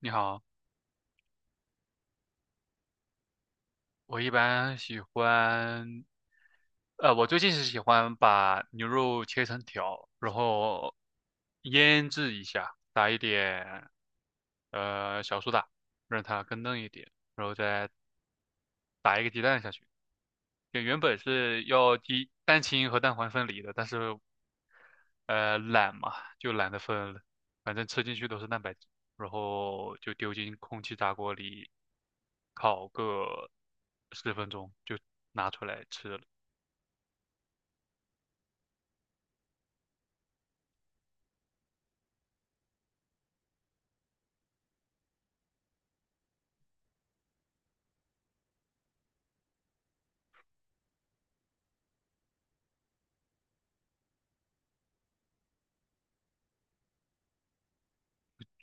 你好，我一般喜欢，我最近是喜欢把牛肉切成条，然后腌制一下，打一点小苏打，让它更嫩一点，然后再打一个鸡蛋下去。就原本是要鸡蛋清和蛋黄分离的，但是懒嘛，就懒得分了，反正吃进去都是蛋白质，然后就丢进空气炸锅里烤个10分钟，就拿出来吃了。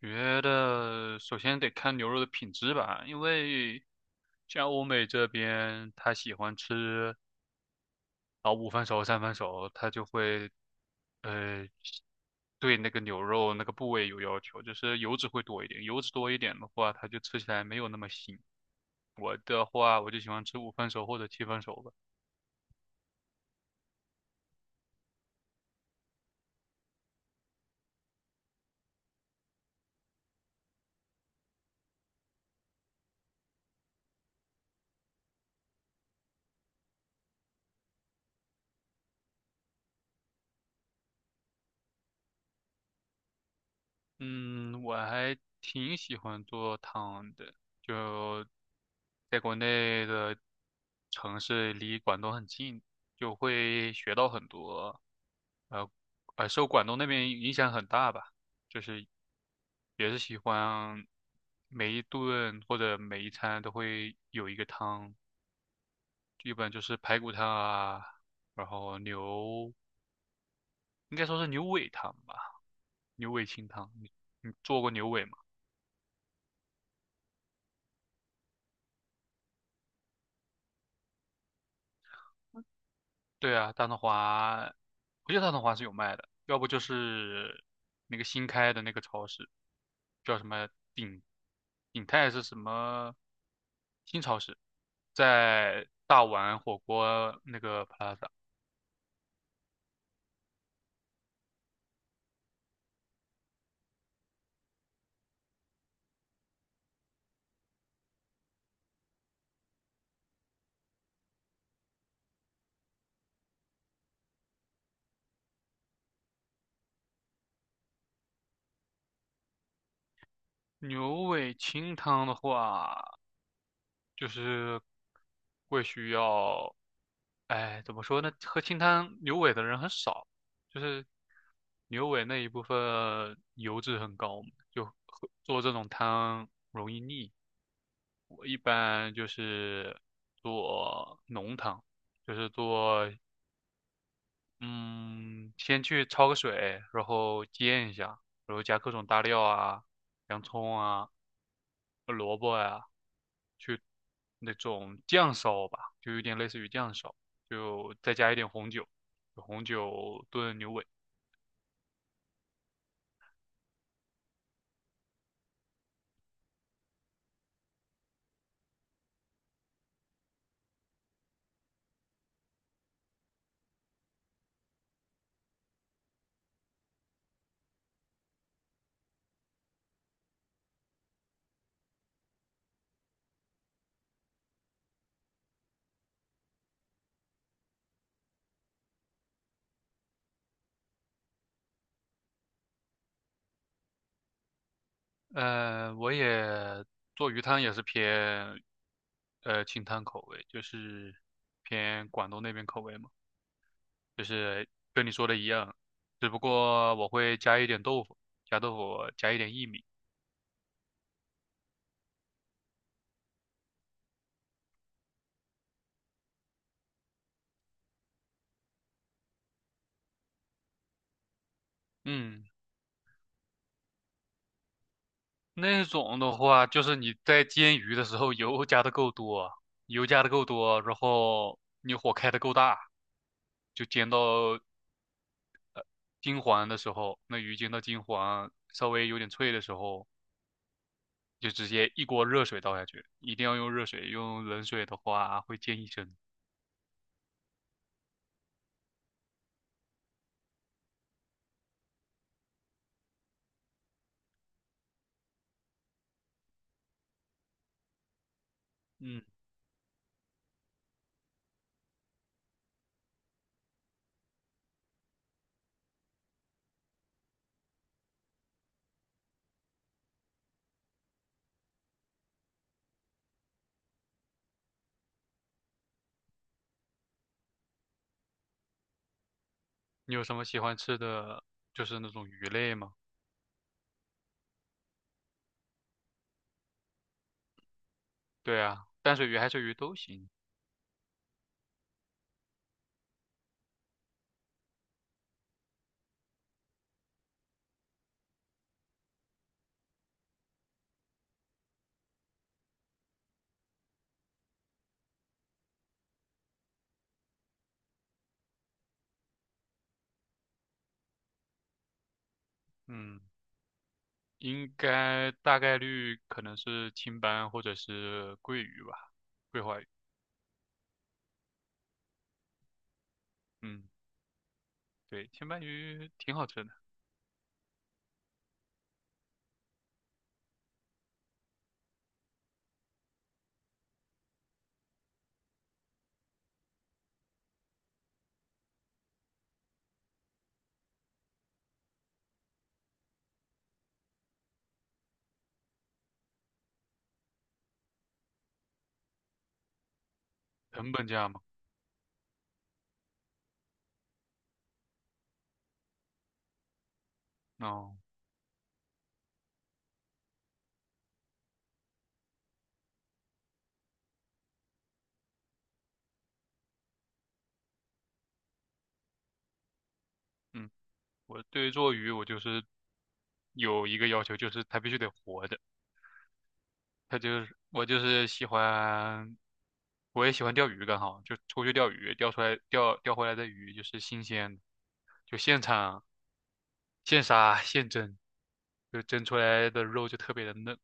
觉得首先得看牛肉的品质吧，因为像欧美这边他喜欢吃。然后五分熟、三分熟，它就会呃对那个牛肉那个部位有要求，就是油脂会多一点，油脂多一点的话，它就吃起来没有那么腥。我的话，我就喜欢吃五分熟或者七分熟吧。嗯，我还挺喜欢做汤的，就在国内的城市离广东很近，就会学到很多，呃，受广东那边影响很大吧，就是也是喜欢每一顿或者每一餐都会有一个汤，基本就是排骨汤啊，然后牛，应该说是牛尾汤吧，牛尾清汤。你做过牛尾吗？对啊，大统华，我记得大统华是有卖的，要不就是那个新开的那个超市，叫什么鼎鼎泰是什么新超市，在大碗火锅那个 Plaza。牛尾清汤的话，就是会需要，哎，怎么说呢？喝清汤牛尾的人很少，就是牛尾那一部分油脂很高嘛就喝做这种汤容易腻。我一般就是做浓汤，就是做嗯，先去焯个水，然后煎一下，然后加各种大料啊，洋葱啊，萝卜呀、去那种酱烧吧，就有点类似于酱烧，就再加一点红酒，红酒炖牛尾。我也做鱼汤也是偏清汤口味，就是偏广东那边口味嘛，就是跟你说的一样，只不过我会加一点豆腐，加豆腐，加一点薏米。嗯，那种的话，就是你在煎鱼的时候油加的够多，油加的够多，然后你火开的够大，就煎到金黄的时候，那鱼煎到金黄，稍微有点脆的时候，就直接一锅热水倒下去，一定要用热水，用冷水的话会溅一身。嗯，你有什么喜欢吃的，就是那种鱼类吗？对啊，淡水鱼、海水鱼都行。嗯。应该大概率可能是青斑或者是桂鱼吧，桂花鱼。嗯，对，青斑鱼挺好吃的，成本价嘛。哦，嗯，我对于做鱼我就是有一个要求，就是它必须得活着。它就是我就是喜欢，我也喜欢钓鱼，刚好就出去钓鱼，钓出来钓回来的鱼就是新鲜的，就现场现杀现蒸，就蒸出来的肉就特别的嫩。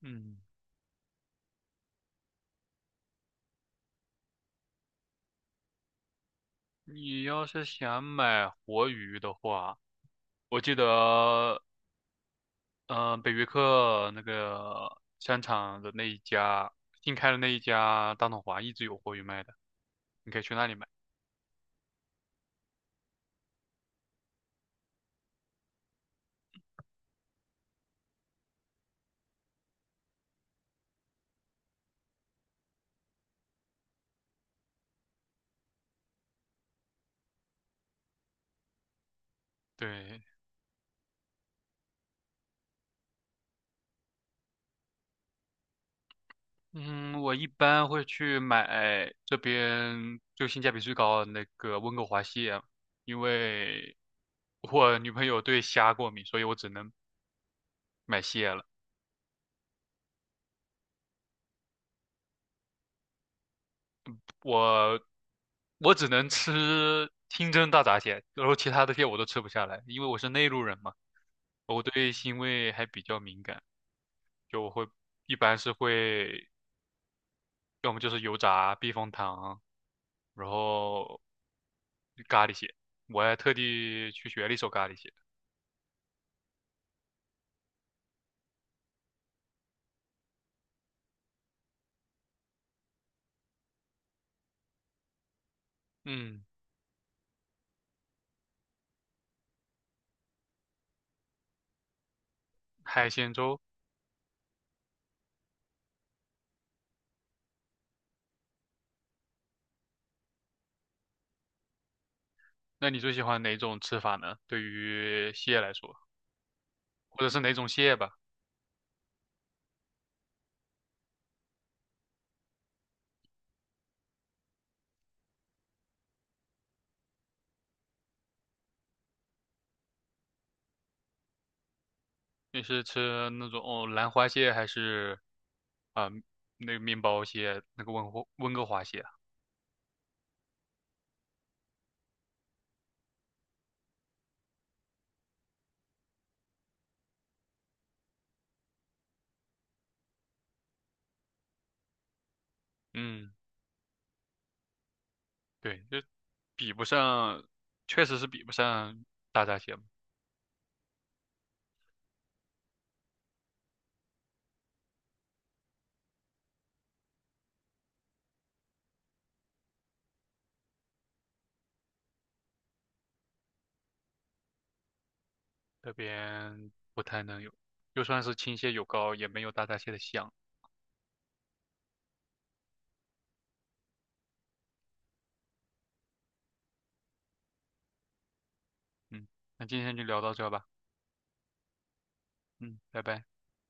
嗯。你要是想买活鱼的话，我记得，嗯、北约克那个商场的那一家，新开的那一家大统华一直有活鱼卖的，你可以去那里买。对，嗯，我一般会去买这边就性价比最高的那个温哥华蟹，因为我女朋友对虾过敏，所以我只能买蟹了。我我只能吃清蒸大闸蟹，然后其他的蟹我都吃不下来，因为我是内陆人嘛，我对腥味还比较敏感，就我会一般是会要么就是油炸避风塘，然后咖喱蟹，我还特地去学了一手咖喱蟹。嗯，海鲜粥，那你最喜欢哪种吃法呢？对于蟹来说，或者是哪种蟹吧？你是吃那种哦兰花蟹还是啊、那个面包蟹，那个温哥华蟹啊？嗯，对，就比不上，确实是比不上大闸蟹嘛这边不太能有，就算是青蟹有膏，也没有大闸蟹的香。嗯，那今天就聊到这吧。嗯，拜拜。